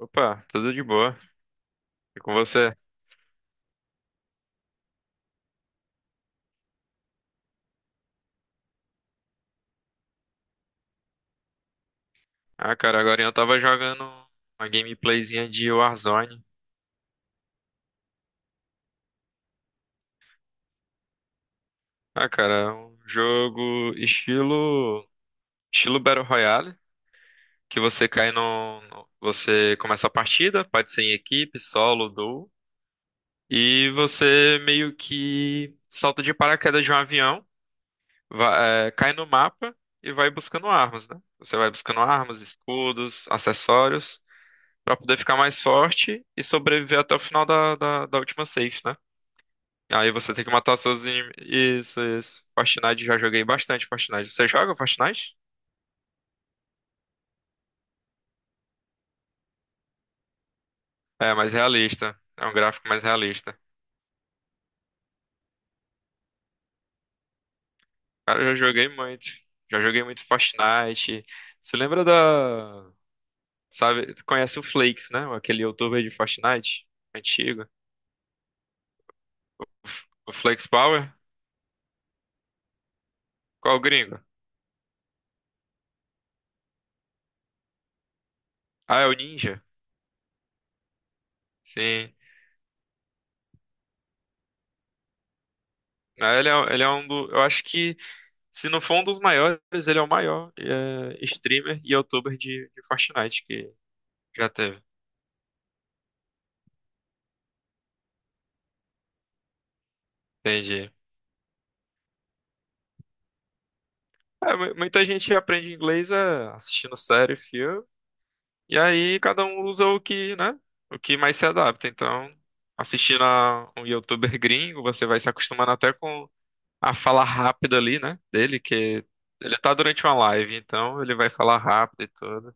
Opa, tudo de boa. E com você? Ah, cara, agora eu tava jogando uma gameplayzinha de Warzone. Ah, cara, é um jogo estilo Battle Royale, que você cai você começa a partida, pode ser em equipe, solo, duo, e você meio que salta de paraquedas de um avião, cai no mapa e vai buscando armas, né? Você vai buscando armas, escudos, acessórios. Pra poder ficar mais forte e sobreviver até o final da última safe, né? Aí você tem que matar seus inimigos. Isso, isso. Fortnite, já joguei bastante Fortnite. Você joga Fortnite? É, mais realista. É um gráfico mais realista. Cara, eu já joguei muito. Já joguei muito Fortnite. Você lembra da... Sabe, tu conhece o Flakes, né? Aquele youtuber de Fortnite antigo. O Flex Power? Qual o gringo? Ah, é o Ninja? Sim. Ah, ele é um do... Eu acho que... Se não for um dos maiores, ele é o maior streamer e youtuber de Fortnite que já teve. Entendi. É, muita gente aprende inglês assistindo série, filme, e aí cada um usa o que, né? O que mais se adapta. Então, assistindo a um youtuber gringo, você vai se acostumando até com a fala rápida ali, né? Dele, que ele tá durante uma live, então ele vai falar rápido e tudo.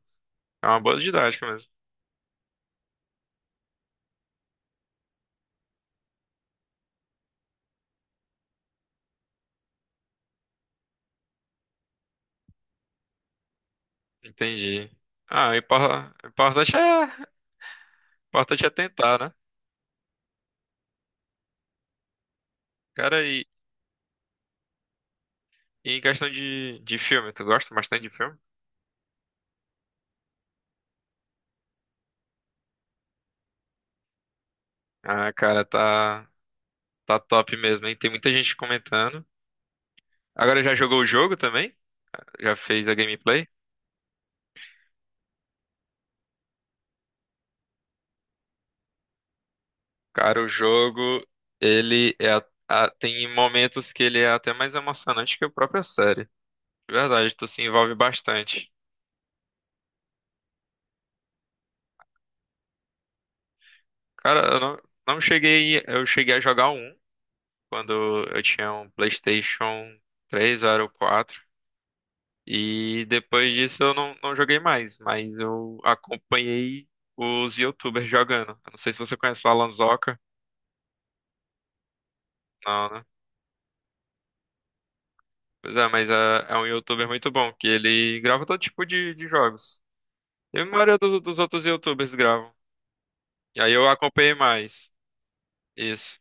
É uma boa didática mesmo. Entendi. Ah, o importante é, o importante é tentar, né? Cara, em questão de filme, tu gosta bastante de filme? Ah, cara, tá top mesmo, hein? Tem muita gente comentando. Agora já jogou o jogo também? Já fez a gameplay? Cara, o jogo, ele é, a- tem momentos que ele é até mais emocionante que a própria série. De verdade, tu se envolve bastante. Cara, eu não, não cheguei, eu cheguei a jogar um quando eu tinha um PlayStation 3 ou era o 4. E depois disso eu não joguei mais, mas eu acompanhei os YouTubers jogando. Eu não sei se você conhece o Alan Zoca. Não, né? Pois é, mas é um YouTuber muito bom, que ele grava todo tipo de jogos. E a maioria dos outros YouTubers gravam. E aí eu acompanhei mais. Isso.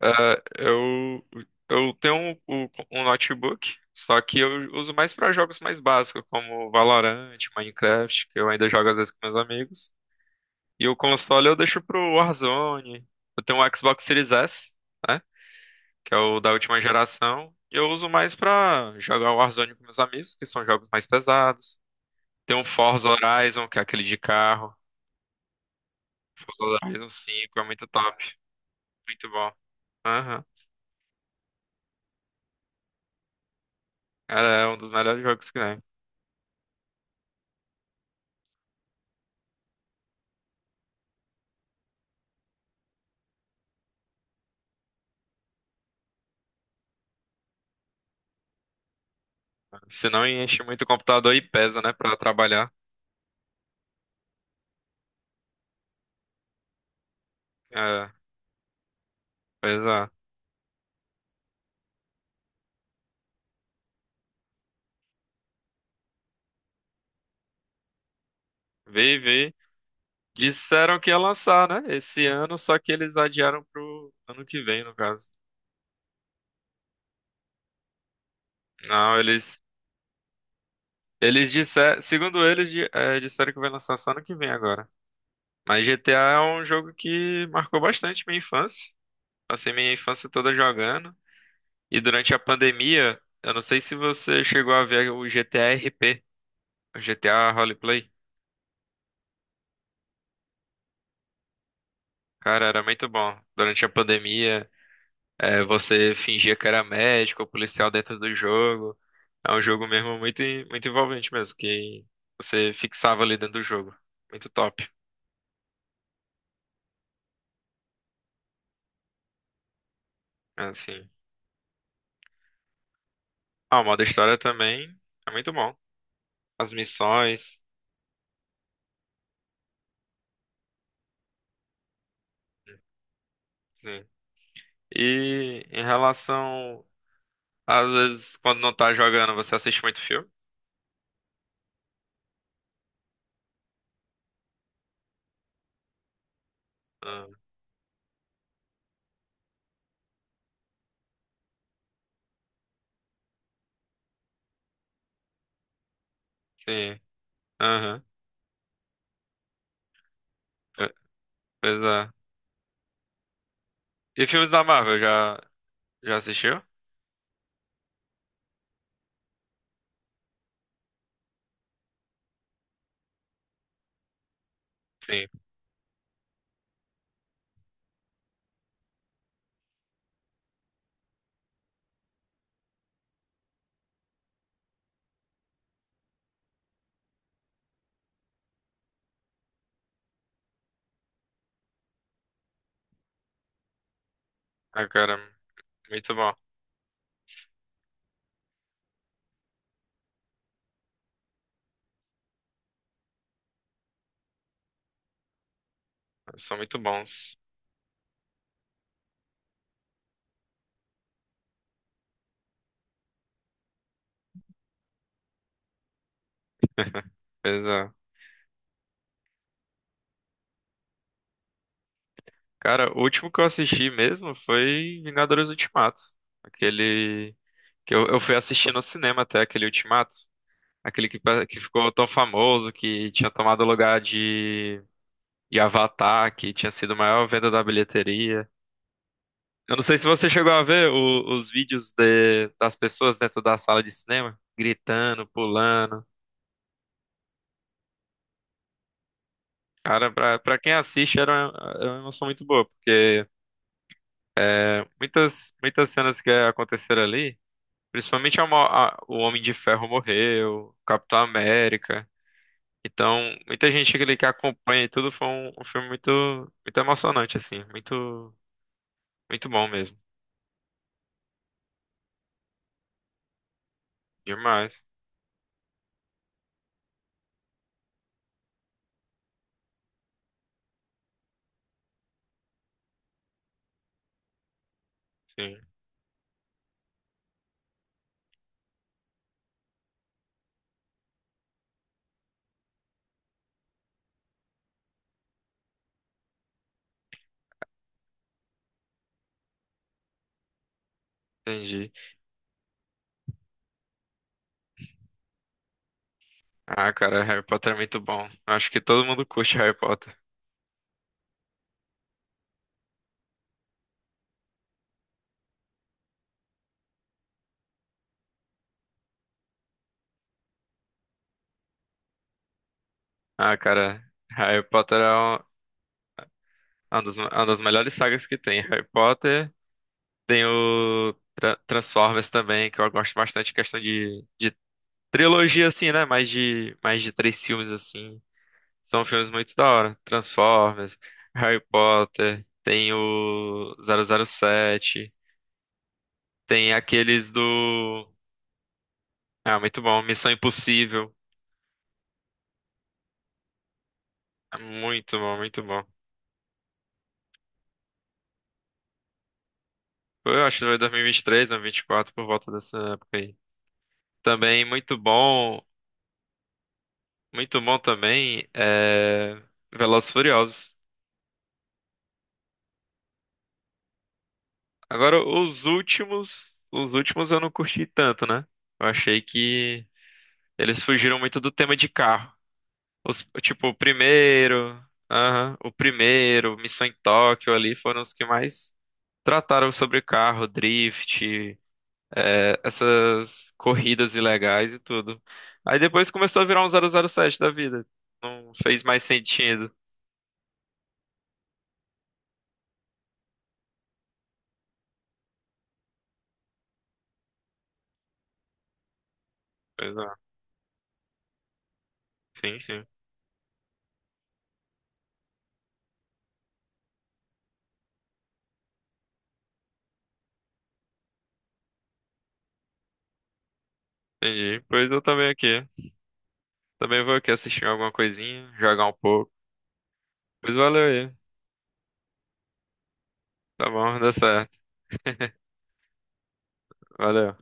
Ah, eu, eu tenho um notebook, só que eu uso mais para jogos mais básicos, como Valorant, Minecraft, que eu ainda jogo às vezes com meus amigos. E o console eu deixo pro Warzone. Eu tenho um Xbox Series S, né? Que é o da última geração. E eu uso mais pra jogar o Warzone com meus amigos, que são jogos mais pesados. Tem um Forza Horizon, que é aquele de carro. Forza Horizon 5 é muito top. Muito bom. Aham. Cara, é um dos melhores jogos que tem. Se não enche muito o computador e pesa, né? Pra trabalhar. É, pois é. Vê, vê. Disseram que ia lançar, né? Esse ano, só que eles adiaram pro ano que vem, no caso. Não, eles Eles disseram, segundo eles, disseram que vai lançar só ano que vem agora. Mas GTA é um jogo que marcou bastante minha infância. Passei minha infância toda jogando. E durante a pandemia, eu não sei se você chegou a ver o GTA RP, o GTA Roleplay. Cara, era muito bom. Durante a pandemia, você fingia que era médico ou policial dentro do jogo. É um jogo mesmo muito, muito envolvente mesmo, que você fixava ali dentro do jogo. Muito top, assim. Ah, o modo história também é muito bom. As missões. Sim. E em relação, às vezes, quando não tá jogando, você assiste muito filme? Ah, sim. Aham. Pe- Pois é. E filmes da Marvel, já assistiu? Sim. Ah, cara, muito bom. São muito bons. Pois é. Cara, o último que eu assisti mesmo foi Vingadores Ultimato. Aquele que eu fui assistir no cinema até, aquele Ultimato. Aquele que, que ficou tão famoso, que tinha tomado o lugar de Avatar, que tinha sido a maior venda da bilheteria. Eu não sei se você chegou a ver os vídeos das pessoas dentro da sala de cinema, gritando, pulando. Cara, pra quem assiste era uma emoção muito boa, porque é, muitas cenas que aconteceram ali, principalmente o Homem de Ferro morreu, o Capitão América. Então, muita gente ali que acompanha e tudo, foi um filme muito, muito emocionante, assim. Muito, muito bom mesmo. Demais. Sim, entendi. Ah, cara, Harry Potter é muito bom. Acho que todo mundo curte Harry Potter. Ah, cara, Harry Potter é uma das melhores sagas que tem. Harry Potter, tem o Transformers também, que eu gosto bastante, questão de trilogia, assim, né? Mais de três filmes, assim. São filmes muito da hora. Transformers, Harry Potter, tem o 007, tem aqueles do... Ah, muito bom. Missão Impossível. É muito bom, muito bom. Eu acho que foi 2023, 2024, por volta dessa época aí. Também muito bom também é Velozes e Furiosos. Agora, os últimos eu não curti tanto, né? Eu achei que eles fugiram muito do tema de carro. Os, tipo, o primeiro, aham, o primeiro, Missão em Tóquio ali foram os que mais trataram sobre carro, drift, essas corridas ilegais e tudo. Aí depois começou a virar um 007 da vida. Não fez mais sentido. Pois é, sim, sim, entendi. Pois eu também aqui. Também vou aqui assistir alguma coisinha, jogar um pouco. Pois valeu aí. Tá bom, dá certo. Valeu.